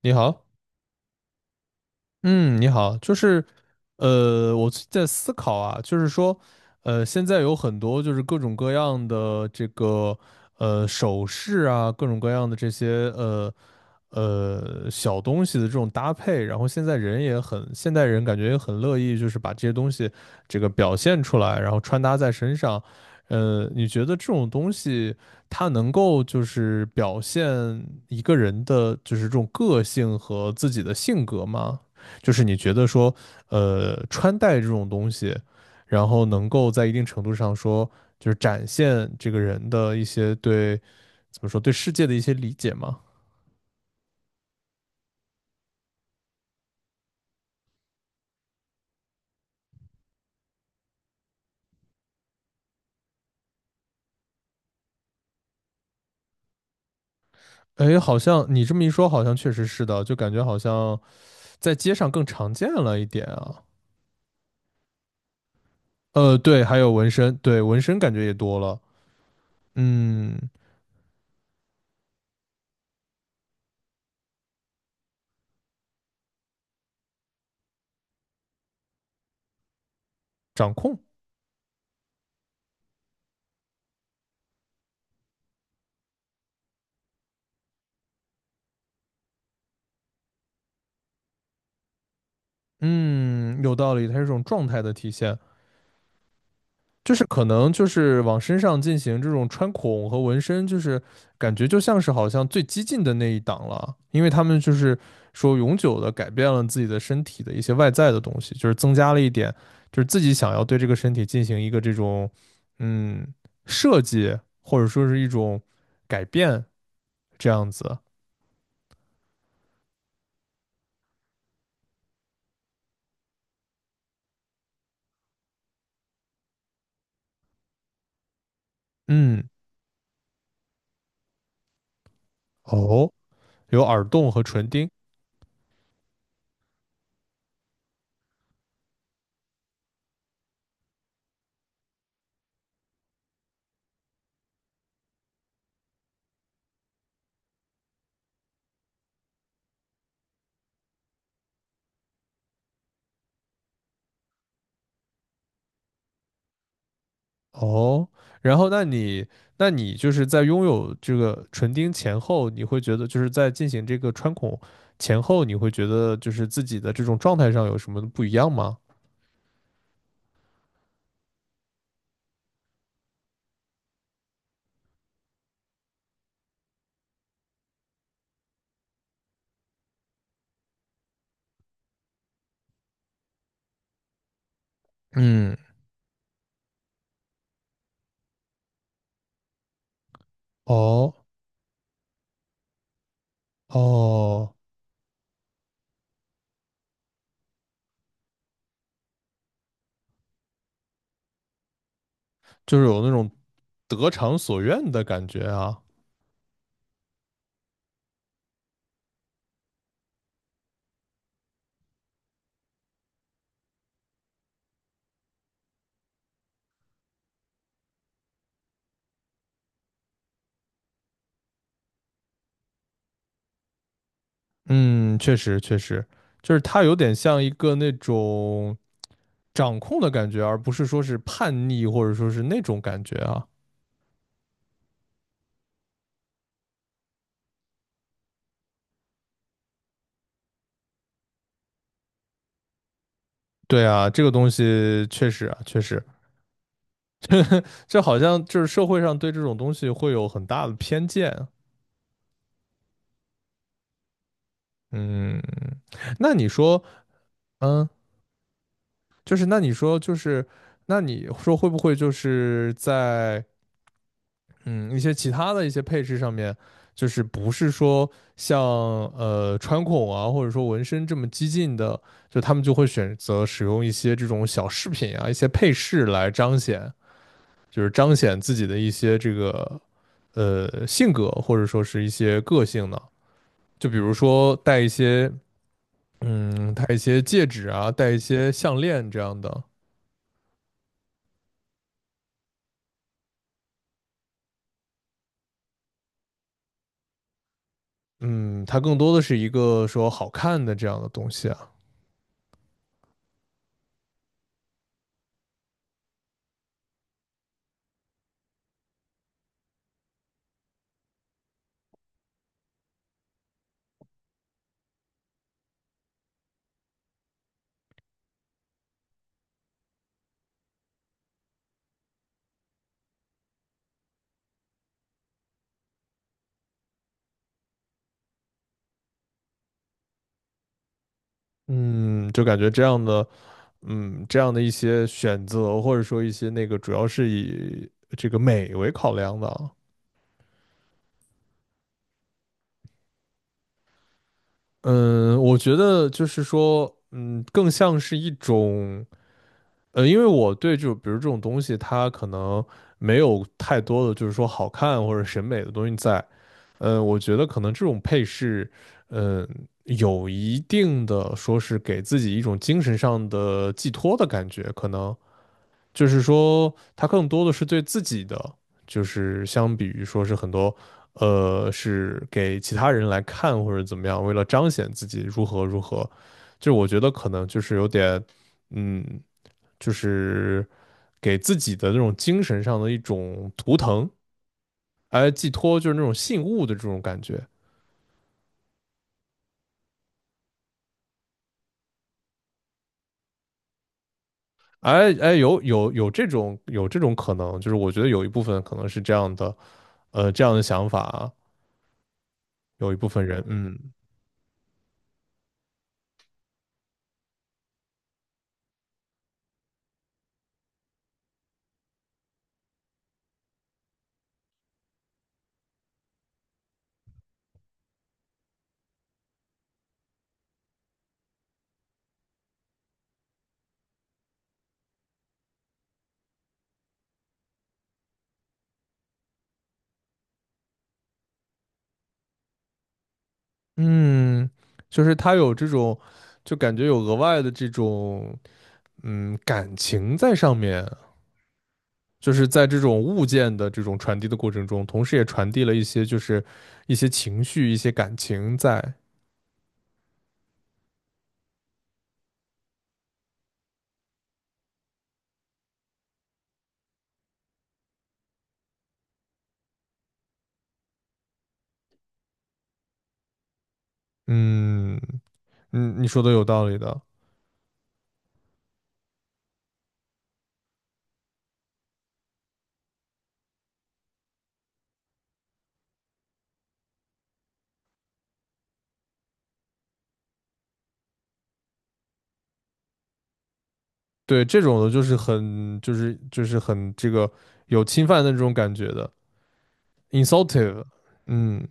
你好。嗯，你好。我最近在思考啊。现在有很多就是各种各样的这个，首饰啊，各种各样的这些，小东西的这种搭配。然后现在人也很，现代人感觉也很乐意，就是把这些东西这个表现出来，然后穿搭在身上。你觉得这种东西它能够就是表现一个人的就是这种个性和自己的性格吗？就是你觉得说，穿戴这种东西，然后能够在一定程度上说，就是展现这个人的一些对怎么说对世界的一些理解吗？哎，好像你这么一说，好像确实是的，就感觉好像在街上更常见了一点啊。对，还有纹身。对，纹身感觉也多了。嗯，掌控。嗯，有道理，它是一种状态的体现。就是可能就是往身上进行这种穿孔和纹身，就是感觉就像是好像最激进的那一档了，因为他们就是说永久的改变了自己的身体的一些外在的东西，就是增加了一点，就是自己想要对这个身体进行一个这种嗯设计或者说是一种改变这样子。嗯，哦，有耳洞和唇钉。哦，然后那你那你就是在拥有这个唇钉前后，你会觉得就是在进行这个穿孔前后，你会觉得就是自己的这种状态上有什么不一样吗？嗯，哦哦，就是有那种得偿所愿的感觉啊。嗯，确实确实，就是它有点像一个那种掌控的感觉，而不是说是叛逆或者说是那种感觉啊。对啊，这个东西确实啊，确实。这好像就是社会上对这种东西会有很大的偏见啊。嗯，那你说。嗯，就是那你说就是，那你说会不会就是在嗯一些其他的一些配饰上面，就是不是说像穿孔啊，或者说纹身这么激进的，就他们就会选择使用一些这种小饰品啊，一些配饰来彰显，就是彰显自己的一些这个性格，或者说是一些个性呢？就比如说戴一些，嗯，戴一些戒指啊，戴一些项链这样的。嗯，它更多的是一个说好看的这样的东西啊。嗯，就感觉这样的，嗯，这样的一些选择或者说一些那个，主要是以这个美为考量的啊。嗯，我觉得就是说，嗯，更像是一种。因为我对就比如这种东西，它可能没有太多的就是说好看或者审美的东西在，我觉得可能这种配饰，嗯、有一定的说是给自己一种精神上的寄托的感觉，可能就是说他更多的是对自己的，就是相比于说是很多，是给其他人来看或者怎么样，为了彰显自己如何如何，就我觉得可能就是有点，嗯，就是给自己的那种精神上的一种图腾。哎，寄托就是那种信物的这种感觉。哎,有这种有这种可能，就是我觉得有一部分可能是这样的，这样的想法啊，有一部分人。嗯。嗯，就是他有这种，就感觉有额外的这种，嗯，感情在上面，就是在这种物件的这种传递的过程中，同时也传递了一些就是一些情绪、一些感情在。嗯。嗯，你说的有道理的。对，这种的就是很这个有侵犯的这种感觉的，insultive。嗯，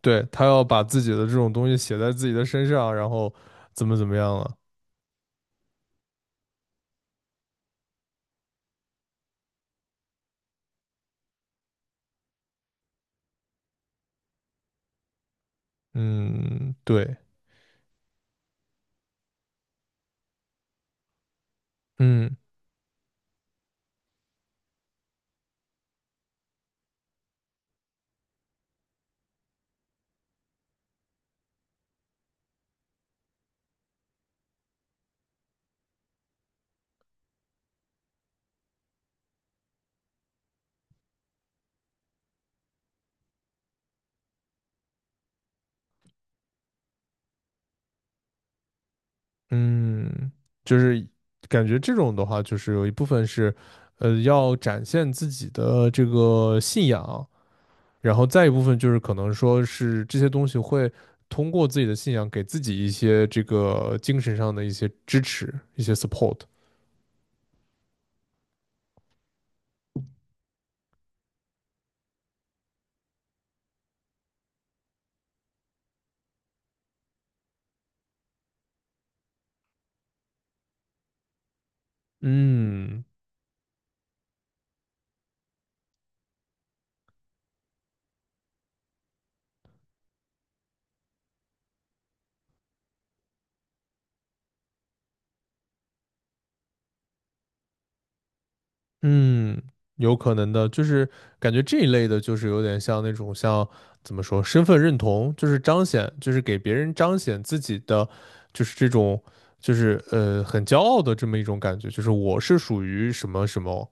对，他要把自己的这种东西写在自己的身上，然后怎么怎么样了。嗯，对。嗯。嗯，就是感觉这种的话，就是有一部分是，要展现自己的这个信仰，然后再一部分就是可能说是这些东西会通过自己的信仰给自己一些这个精神上的一些支持，一些 support。嗯。嗯，有可能的，就是感觉这一类的，就是有点像那种像怎么说，身份认同，就是彰显，就是给别人彰显自己的，就是这种，就是很骄傲的这么一种感觉，就是我是属于什么什么，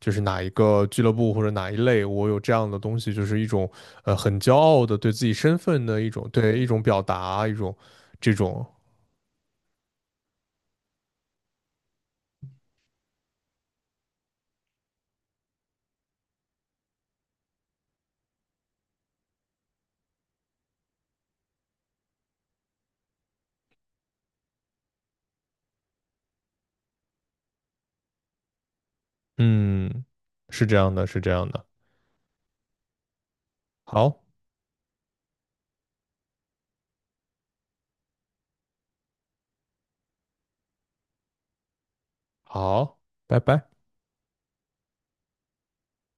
就是哪一个俱乐部或者哪一类，我有这样的东西，就是一种很骄傲的对自己身份的一种对一种表达，一种这种。嗯，是这样的，是这样的。好。好，拜拜。